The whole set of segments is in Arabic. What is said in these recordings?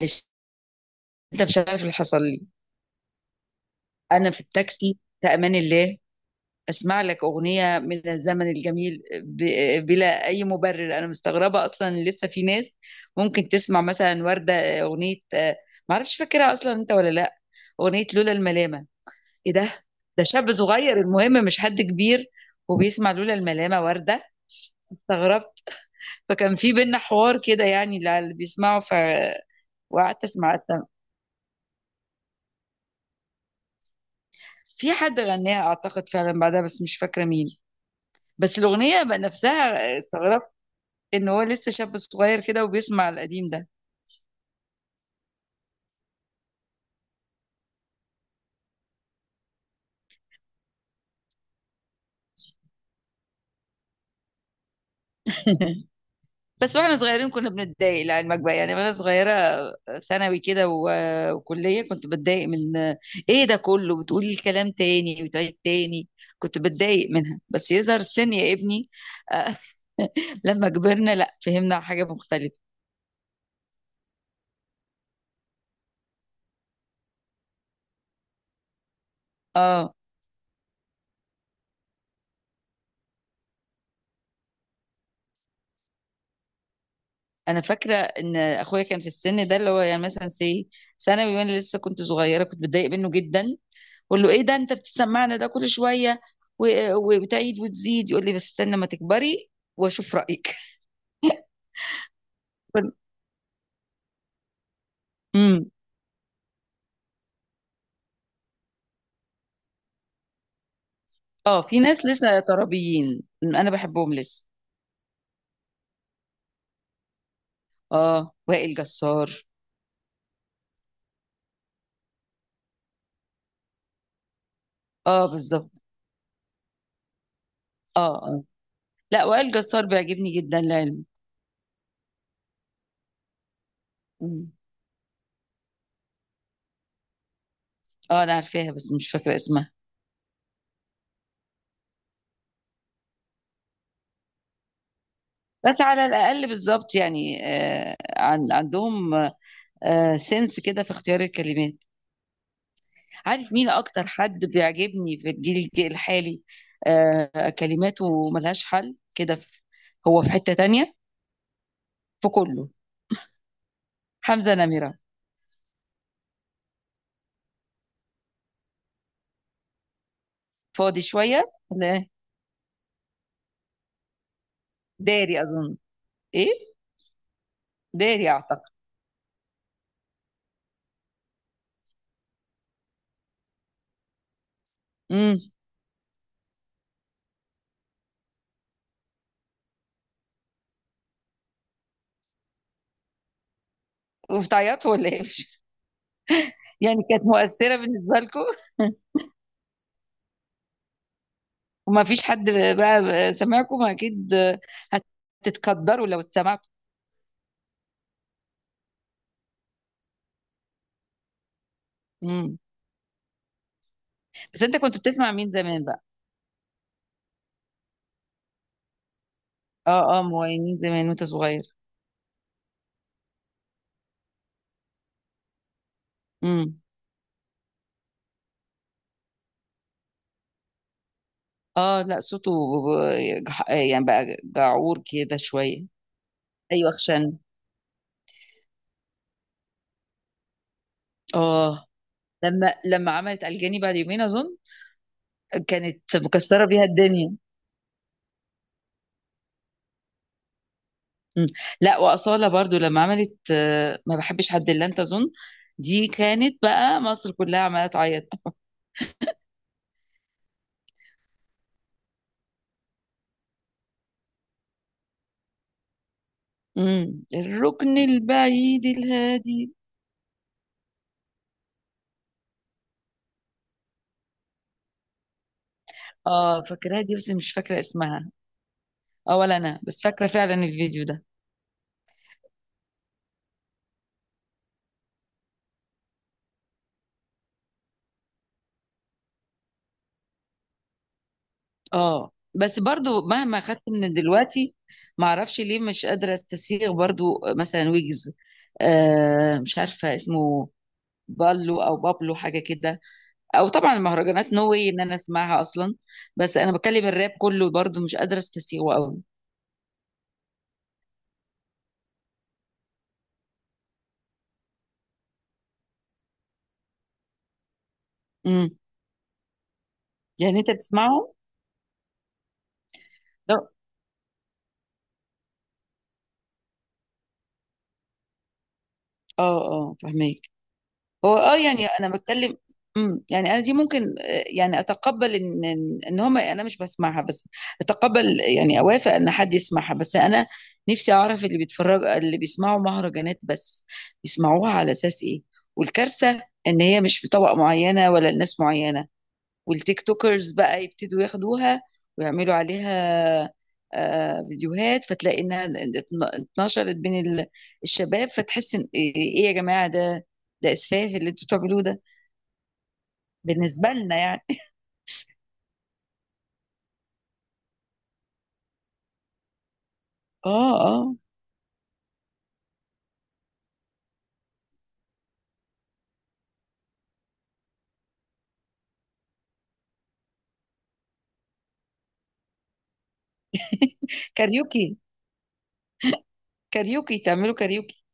معلش. انت مش عارف اللي حصل لي. انا في التاكسي في امان الله اسمع لك اغنيه من الزمن الجميل بلا اي مبرر. انا مستغربه اصلا إن لسه في ناس ممكن تسمع مثلا ورده اغنيه معرفش فاكرها اصلا انت ولا لا، اغنيه لولا الملامه. ايه ده؟ ده شاب صغير المهم، مش حد كبير وبيسمع لولا الملامه ورده. استغربت، فكان في بينا حوار كده يعني، اللي بيسمعوا. وقعدت اسمع. في حد غناها اعتقد فعلا بعدها، بس مش فاكره مين. بس الأغنية بقى نفسها استغربت إن هو لسه شاب صغير كده وبيسمع القديم ده. بس واحنا صغيرين كنا بنتضايق لعلمك بقى يعني. وانا صغيرة، ثانوي كده وكلية كنت بتضايق من ايه ده كله، بتقول الكلام تاني، بتعيد تاني. كنت بتضايق منها، بس يظهر السن يا ابني. آه، لما كبرنا لا، فهمنا حاجة مختلفة. اه. انا فاكرة ان اخويا كان في السن ده اللي هو يعني مثلا سي، ثانوي، وانا لسه كنت صغيرة كنت بتضايق منه جدا. اقول له ايه ده انت بتسمعنا ده كل شويه وبتعيد وتزيد، يقول لي بس استنى ما تكبري واشوف رايك. امم. اه، في ناس لسه ترابيين انا بحبهم لسه. اه، وائل جسار. اه بالظبط. اه اه. لا، وائل جسار بيعجبني جدا لعلم. مم. اه، انا عارفاها بس مش فاكره اسمها. بس على الاقل بالظبط يعني، آه، عن عندهم، آه، سنس كده في اختيار الكلمات. عارف مين اكتر حد بيعجبني في الجيل الحالي؟ آه، كلماته ملهاش حل كده هو في حتة تانية. في كله. حمزة نمرة. فاضي شوية، ولا إيه؟ داري اظن. ايه، داري اعتقد. امم. وبتعيطوا ولا ايه؟ يعني كانت مؤثرة بالنسبة لكم. وما فيش حد بقى سمعكم اكيد، هتتقدروا لو اتسمعتوا. امم. بس انت كنت بتسمع مين زمان بقى؟ اه اه، مغنيين زمان وانت صغير. امم. اه لا، صوته، يعني بقى جعور كده شوية. ايوه، خشن. اه، لما عملت الجاني بعد يومين اظن كانت مكسرة بيها الدنيا. مم. لا، وأصالة برضو لما عملت ما بحبش حد الا انت اظن، دي كانت بقى مصر كلها عمالة تعيط. مم. الركن البعيد الهادي. اه، فاكراها دي بس مش فاكرة اسمها. اه ولا انا، بس فاكرة فعلا الفيديو ده. اه بس برضو مهما خدت من دلوقتي، ما اعرفش ليه مش قادره استسيغ برضو. مثلا ويجز، آه مش عارفه اسمه، بالو او بابلو حاجه كده. او طبعا المهرجانات، نو واي ان انا اسمعها اصلا. بس انا بتكلم الراب كله برضو مش قادره استسيغه قوي. امم. يعني انت بتسمعه؟ لا. اه اه، فهمك. هو اه يعني انا بتكلم. امم، يعني انا دي ممكن، يعني اتقبل ان إن هما، انا مش بسمعها بس اتقبل. يعني اوافق ان حد يسمعها، بس انا نفسي اعرف اللي بيتفرج، اللي بيسمعوا مهرجانات بس، بيسمعوها على اساس ايه. والكارثه ان هي مش بطبقه معينه ولا لناس معينه، والتيك توكرز بقى يبتدوا ياخدوها ويعملوا عليها فيديوهات. فتلاقي انها اتنشرت بين الشباب، فتحس ان ايه، إيه يا جماعه ده؟ ده اسفاف اللي انتوا بتعملوه ده بالنسبه لنا يعني. اه اه. كاريوكي. كاريوكي، تعملوا كاريوكي.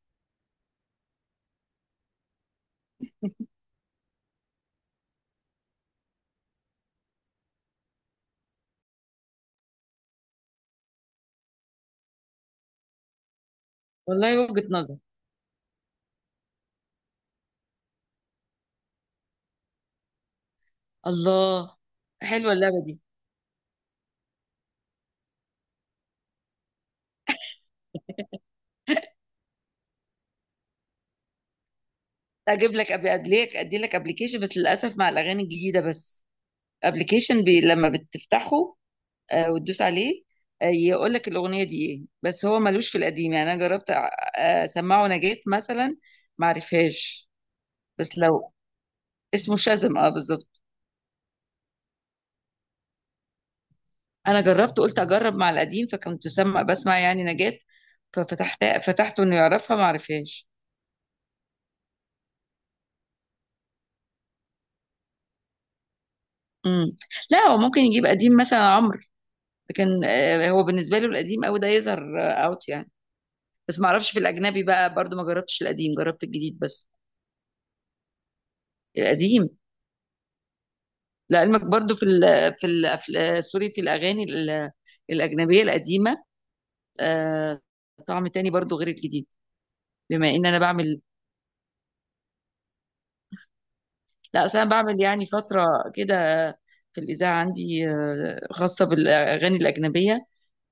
والله وجهه نظر. الله، حلوه اللعبه دي. ادي لك ابلكيشن، بس للاسف مع الاغاني الجديده بس. ابلكيشن بي لما بتفتحه وتدوس عليه، يقول لك الاغنيه دي ايه. بس هو ملوش في القديم يعني. انا جربت اسمعه نجاة مثلا، ما عرفهاش. بس لو، اسمه شازم، اه بالظبط. انا جربت، قلت اجرب مع القديم، فكنت سمع بسمع يعني نجاة، ففتحت فتحته انه يعرفها ما عرفهاش. امم. لا هو ممكن يجيب قديم مثلا عمرو، لكن هو بالنسبه له القديم قوي ده يظهر اوت يعني. بس ما اعرفش في الاجنبي بقى برضو، ما جربتش القديم، جربت الجديد بس. القديم لعلمك برضو في ال، في الأفلام، سوري، في الأغاني الأجنبية القديمة، آه، طعم تاني برضو غير الجديد. بما إن أنا بعمل، لا أصل أنا بعمل يعني فترة كده في الإذاعة عندي، خاصة بالأغاني الأجنبية،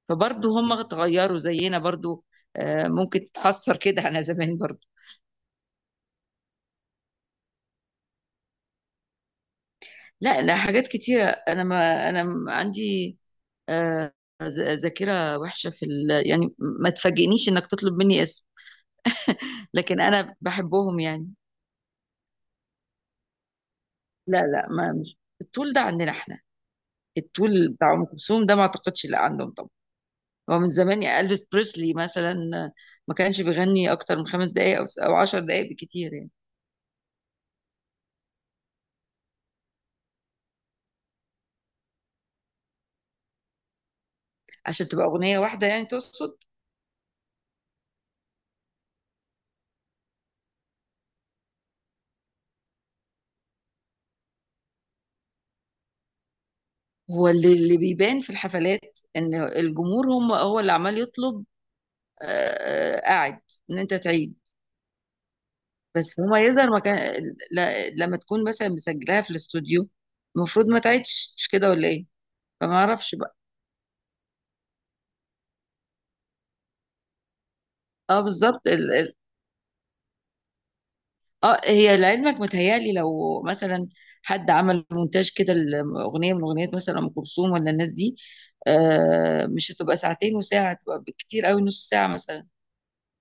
فبرضو هم اتغيروا زينا برضو. ممكن تتحسر كده على زمان برضو. لا لا، حاجات كتيرة. أنا ما أنا عندي آه، ذاكرة وحشة في يعني ما تفاجئنيش إنك تطلب مني اسم، لكن أنا بحبهم يعني. لا لا، ما مش الطول ده عندنا احنا. الطول بتاع ام كلثوم ده ما اعتقدش لا عندهم طبعا. هو من زمان، يا الفيس بريسلي مثلا ما كانش بيغني اكتر من 5 دقائق او او 10 دقائق بكتير يعني. عشان تبقى اغنيه واحده يعني، تقصد؟ هو اللي بيبان في الحفلات ان الجمهور هم هو اللي عمال يطلب قاعد ان انت تعيد. بس هما يظهر مكان، لما تكون مثلا مسجلاها في الاستوديو المفروض ما تعيدش، مش كده ولا ايه؟ فما اعرفش بقى. اه بالظبط. اه، هي لعلمك متهيألي لو مثلا حد عمل مونتاج كده الأغنية من أغنيات مثلا أم كلثوم ولا الناس دي، آه مش هتبقى ساعتين وساعة، هتبقى بالكتير قوي نص ساعة مثلا.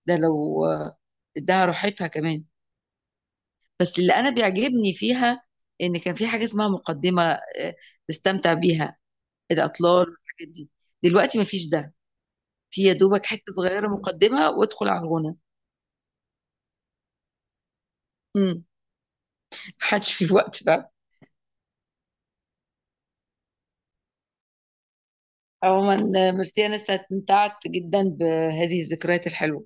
ده لو اداها راحتها كمان. بس اللي أنا بيعجبني فيها إن كان في حاجة اسمها مقدمة، آه، تستمتع بيها، الأطلال والحاجات دي. دلوقتي مفيش ده، في يا دوبك حتة صغيرة مقدمة وادخل على الغنى. مم. محدش في وقت. عموما ميرسي، انا استمتعت جدا بهذه الذكريات الحلوه.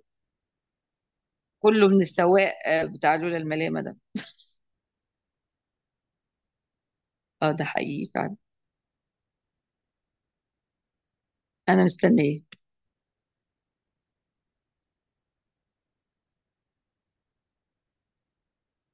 كله من السواق بتاع لولا الملامه ده. اه ده حقيقي فعلا. انا مستنيه.